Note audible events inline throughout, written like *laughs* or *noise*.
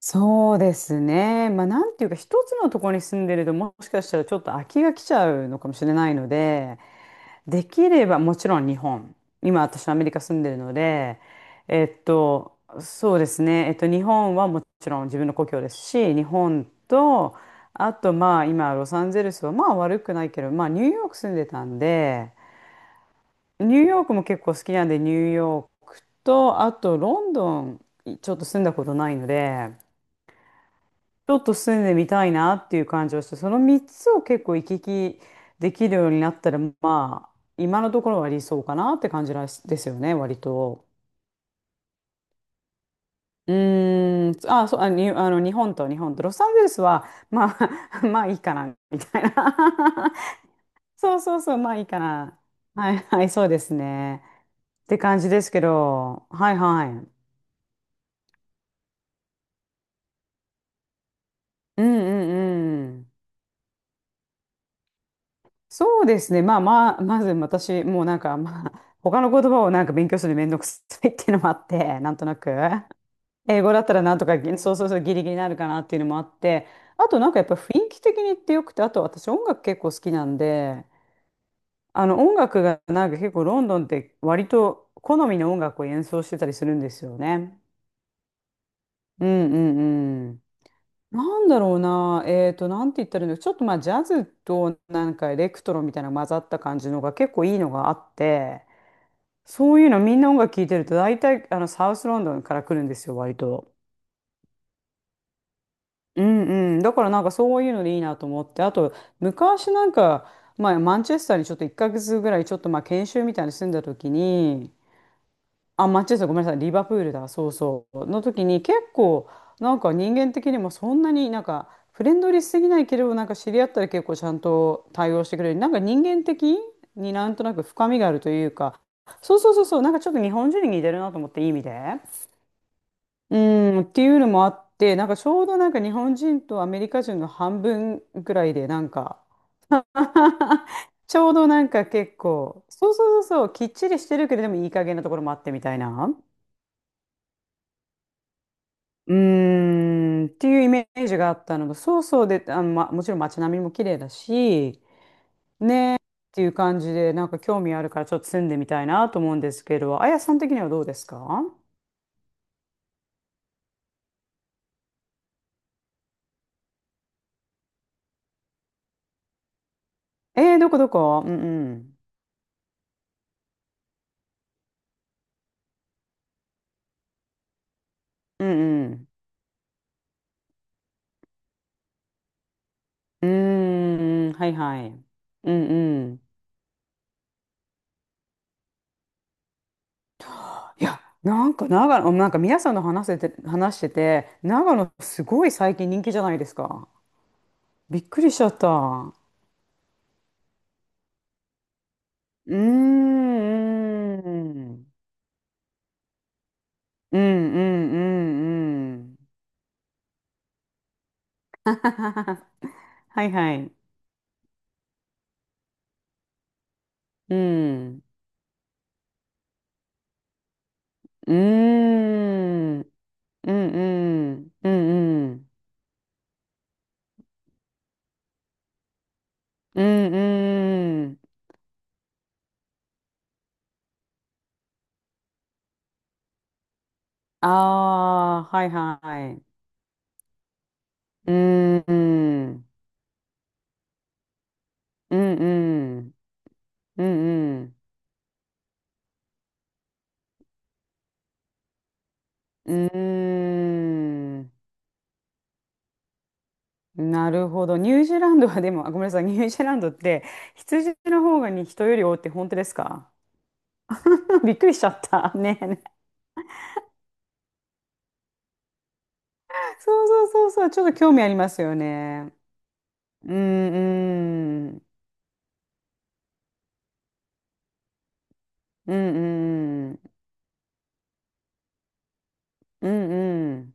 そうですね。まあ、なんていうか、一つのところに住んでると、もしかしたらちょっと飽きが来ちゃうのかもしれないので、できれば、もちろん日本。今、私、はアメリカ住んでるので、そうですね。日本はもちろん自分の故郷ですし、日本と、あと、まあ、今、ロサンゼルスは、まあ、悪くないけど、まあ、ニューヨーク住んでたんで、ニューヨークも結構好きなんで、ニューヨークと、あと、ロンドン、ちょっと住んだことないので、ちょっと住んでみたいなっていう感じはして、その3つを結構行き来できるようになったら、まあ、今のところは理想かなって感じらしですよね、割と。うーん、あ、そう、あ、に、あの、日本と、ロサンゼルスは、まあ、*laughs* まあいいかな、みたいな。*laughs* そうそうそう、まあいいかな。はいはい、そうですね。って感じですけど、はいはい。うんうんうん。そうですね。まあまあ、まず私、もうなんか、まあ、他の言葉をなんか勉強するのめんどくさいっていうのもあって、なんとなく。英語だったらなんとか、そうそうそう、ギリギリになるかなっていうのもあって、あとなんかやっぱ雰囲気的にってよくて、あと私音楽結構好きなんで、あの音楽がなんか結構ロンドンって割と好みの音楽を演奏してたりするんですよね。うんうん。なんだろうな、なんて言ったらいいの、ちょっとまあジャズとなんかエレクトロみたいな混ざった感じのが結構いいのがあって、そういうのみんな音楽聴いてると大体あのサウスロンドンから来るんですよ、割と。うんうん。だからなんかそういうのでいいなと思って、あと昔なんか、まあ、マンチェスターにちょっと1ヶ月ぐらいちょっとまあ研修みたいに住んだ時に、あ、マンチェスター、ごめんなさい、リバプールだ、そうそう。の時に結構、なんか人間的にもそんなになんかフレンドリーすぎないけれど、なんか知り合ったら結構ちゃんと対応してくれる。なんか人間的になんとなく深みがあるというか、そうそうそうそう、なんかちょっと日本人に似てるなと思って、いい意味で。うん、っていうのもあって、なんかちょうどなんか日本人とアメリカ人の半分ぐらいで、なんか *laughs* ちょうどなんか結構、そうそうそうそう、きっちりしてるけれどもいい加減なところもあってみたいな。うーんっていうイメージがあったのが、そうそうで、あの、ま、もちろん街並みも綺麗だし、ね、っていう感じで、なんか興味あるからちょっと住んでみたいなと思うんですけど、あやさん的にはどうですか？どこどこ？うんうん。うんうん。うーん、はいはい。うんうん。いや、なんか長野、なんか皆さんの話せて、話してて、長野すごい最近人気じゃないですか。びっくりしちゃった。うーん。うーん。うんうんうんうん。*laughs* はいはい。うん。うーん。うんうんうんうん。うんうん。ああ、はいはい。うんうん。うんうんうんうん。ーん。なるほど。ニュージーランドはでも、あ、ごめんなさい。ニュージーランドって羊の方がに人より多いって本当ですか？ *laughs* びっくりしちゃった。ね。そうそうそうそう、ちょっと興味ありますよね。うんうん。うんうん。うんうん。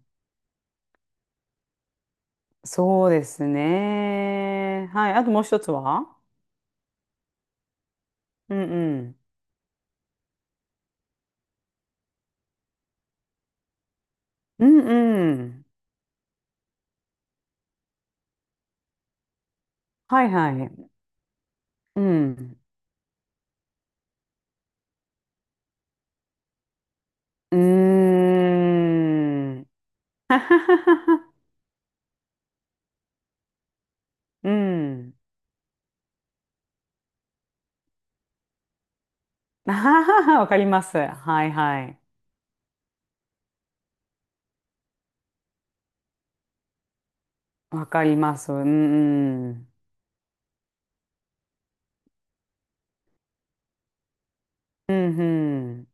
そうですね。はい。あともう一つは？うんうん。うんうん。はいはい。うん。うーん。はははは。うん。*laughs* あはははわかります。はいはい。わかります。うんうん。うんうん。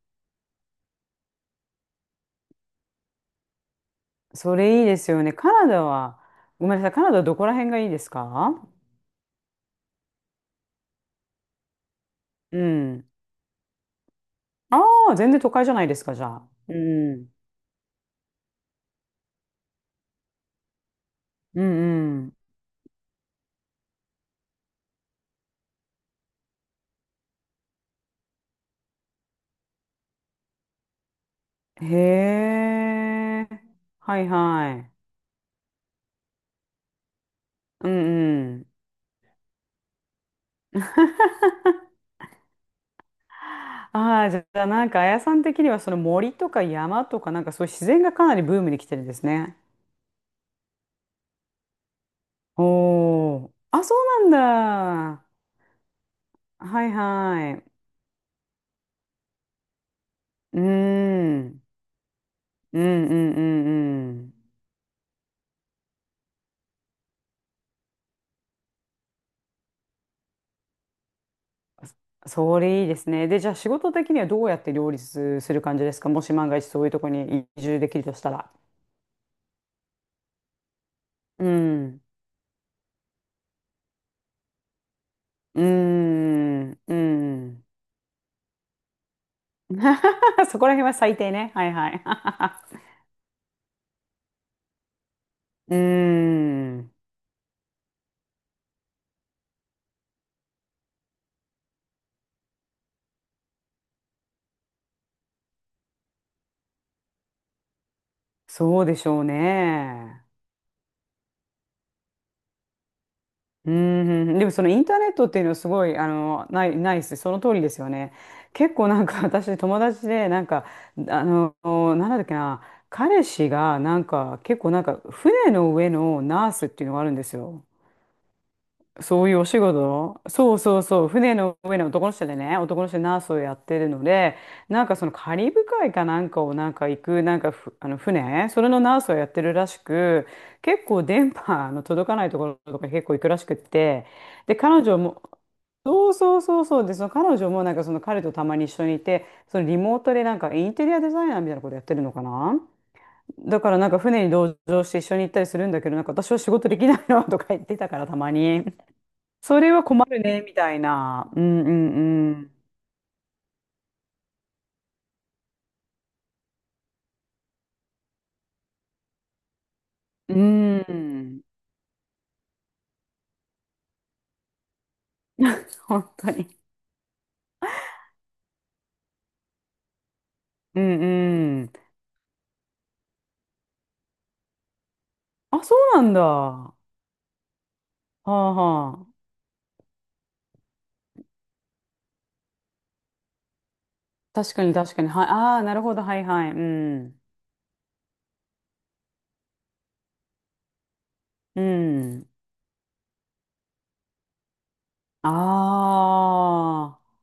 それいいですよね。カナダは、ごめんなさい、カナダどこら辺がいいですか？うん。ああ、全然都会じゃないですか、じゃあ。うん。うんうん。へえ。はいはい。うんうん。ああ、じゃあなんか、あやさん的にはその森とか山とか、なんかそういう自然がかなりブームに来てるんですね。おお。あ、そうなんだ。はいはい。うん。うんうんうんうん。それいいですね。で、じゃあ仕事的にはどうやって両立する感じですか？もし万が一そういうとこに移住できるとしたら。うん。うーん。うん。*laughs* そこら辺は最低ね。はいはい。*laughs* うーん。そうでしょうね。うーん、でもそのインターネットっていうのはすごい、あの、ない、ないです。その通りですよね。結構なんか *laughs* 私友達で、なんか、あの、なんだっけな、彼氏がなんか結構なんか船の上のナースっていうのがあるんですよ。そういうお仕事そうそうそう。船の上の男の人でね、男の人でナースをやってるので、なんかそのカリブ海かなんかをなんか行く、なんかあの船、それのナースをやってるらしく、結構電波の届かないところとか結構行くらしくって、で、彼女も、そうそうそうそうで、その彼女もなんかその彼とたまに一緒にいて、そのリモートでなんかインテリアデザイナーみたいなことやってるのかな。だからなんか船に同乗して一緒に行ったりするんだけど、なんか私は仕事できないなとか言ってたからたまに。それは困るね、みたいな。うんうんうん。うん。*laughs* 本当に。うんうん。あ、そうなんだ。はあはあ。確かに確かに。はい。ああ、なるほど。はいはい。うん。うん。ああ。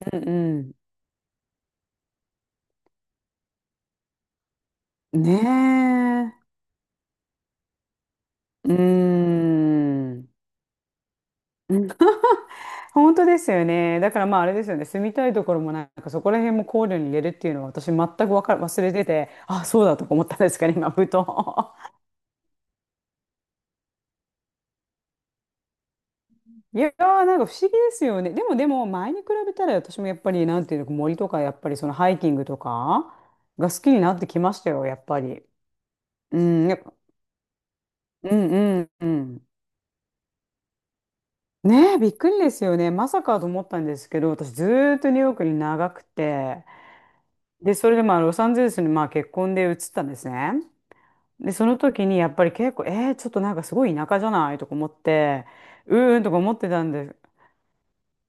うんうん。ねえ。うん。本当ですよね。だからまああれですよね。住みたいところもなんかそこら辺も考慮に入れるっていうのは私全くわかる、忘れてて、あ、そうだとか思ったんですかね、今、ふと。いやー、なんか不思議ですよね。でもでも、前に比べたら私もやっぱり、なんていうの、森とか、やっぱりそのハイキングとかが好きになってきましたよ、やっぱり。うん、やっぱ、うんうんうん。ねえ、びっくりですよね。まさかと思ったんですけど、私ずーっとニューヨークに長くて、で、それでまあ、ロサンゼルスにまあ結婚で移ったんですね。で、その時にやっぱり結構、ちょっとなんかすごい田舎じゃないとか思って、うーんとか思ってたんで、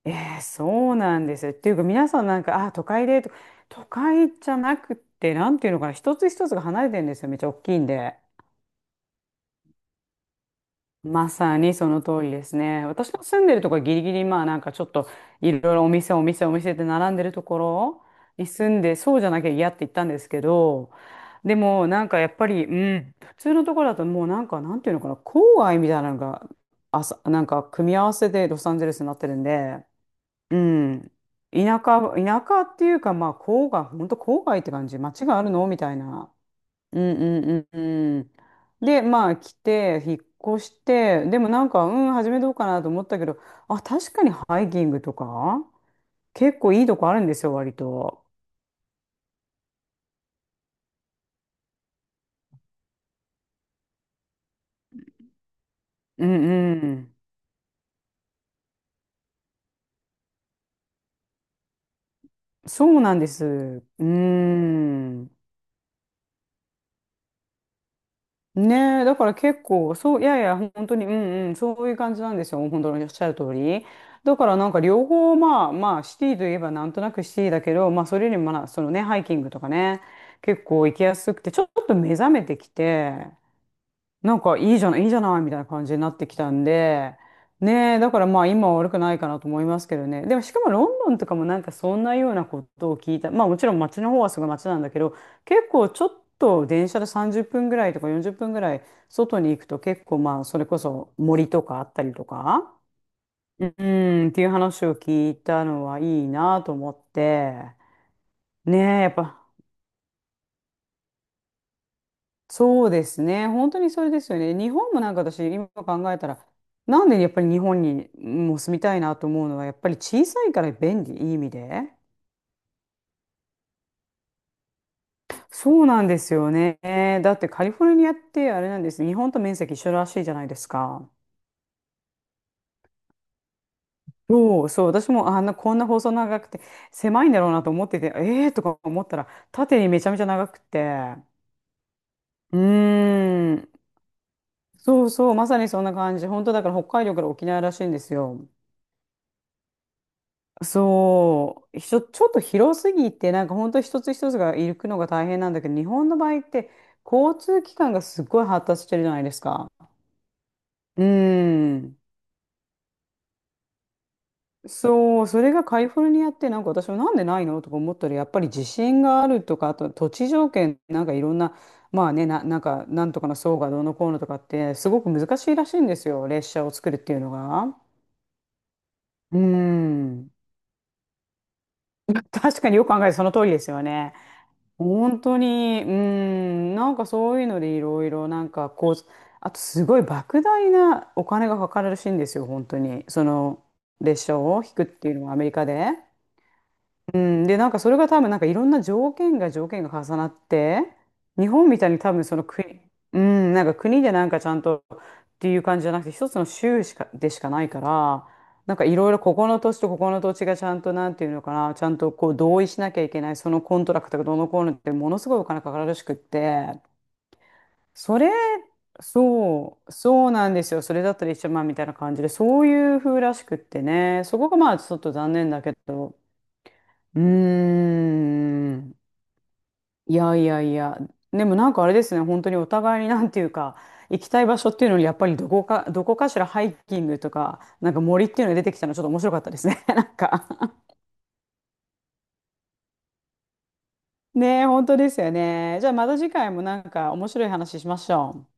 ええそうなんですよ。っていうか皆さんなんか、あ、都会でと、都会じゃなくって、なんていうのかな、一つ一つが離れてるんですよ。めっちゃ大きいんで。まさにその通りですね。私の住んでるとこはギリギリ、まあなんかちょっといろいろお店って並んでるところに住んで、そうじゃなきゃ嫌って言ったんですけど、でもなんかやっぱり、うん、普通のところだともうなんか、なんていうのかな、郊外みたいなのが、なんか組み合わせでロサンゼルスになってるんで、うん。田舎、田舎っていうか、まあ、郊外、本当郊外って感じ。街があるのみたいな。うんうんうんうん。で、まあ、来て、引っ越して、でもなんか、うん、始めどうかなと思ったけど、あ、確かにハイキングとか、結構いいとこあるんですよ、割と。うんうん。そうなんです。うん。ねえ、だから結構、そう、いやいや、本当に、うんうん、そういう感じなんですよ。本当におっしゃる通り。だからなんか両方、まあまあ、シティといえばなんとなくシティだけど、まあそれよりもまあ、そのね、ハイキングとかね、結構行きやすくて、ちょっと目覚めてきて、なんかいいじゃない、いいじゃないみたいな感じになってきたんで、ねえ、だからまあ今は悪くないかなと思いますけどね。でもしかもロンドンとかもなんかそんなようなことを聞いた。まあもちろん街の方はすごい街なんだけど、結構ちょっと電車で30分ぐらいとか40分ぐらい外に行くと結構まあそれこそ森とかあったりとか、うん、っていう話を聞いたのはいいなと思って、ねえ、やっぱそうですね。本当にそれですよね。日本もなんか私、今考えたら、なんでやっぱり日本にもう住みたいなと思うのは、やっぱり小さいから便利、いい意味で。そうなんですよね。だってカリフォルニアってあれなんです。日本と面積一緒らしいじゃないですか。そうそう。私もあんな、こんな細長くて、狭いんだろうなと思ってて、とか思ったら、縦にめちゃめちゃ長くて。うーん。そうそう。まさにそんな感じ。本当だから北海道から沖縄らしいんですよ。そう、ちょっと広すぎて、なんか本当一つ一つが行くのが大変なんだけど、日本の場合って交通機関がすごい発達してるじゃないですか。うん。そう、それがカリフォルニアってなんか私もなんでないのとか思ったらやっぱり地震があるとか、あと土地条件、なんかいろんな、まあね、なんかなんとかの層がどうのこうのとかってすごく難しいらしいんですよ、列車を作るっていうのが。うん。*laughs* 確かによく考えてその通りですよね。本当に、うん、なんかそういうのでいろいろ、なんかこう、あとすごい莫大なお金がかかるらしいんですよ、本当に。その列車を引くっていうのはアメリカで。うん、で、なんかそれが多分なんかいろんな条件が重なって、日本みたいに多分その国、うん、なんか国でなんかちゃんとっていう感じじゃなくて、一つの州しか、でしかないから、なんかいろいろここの土地とここの土地がちゃんとなんていうのかな、ちゃんとこう同意しなきゃいけない、そのコントラクトがどうのこうのってものすごいお金かかるらしくって、それ、そう、そうなんですよ。それだったら一緒まあみたいな感じで、そういう風らしくってね、そこがまあちょっと残念だけど、うーん。いやいやいや。でもなんかあれですね、本当にお互いになんていうか、行きたい場所っていうのに、やっぱりどこかしらハイキングとか、なんか森っていうのが出てきたのちょっと面白かったですね。*laughs* なんかねえ、本当ですよね。じゃあまた次回もなんか面白い話しましょう。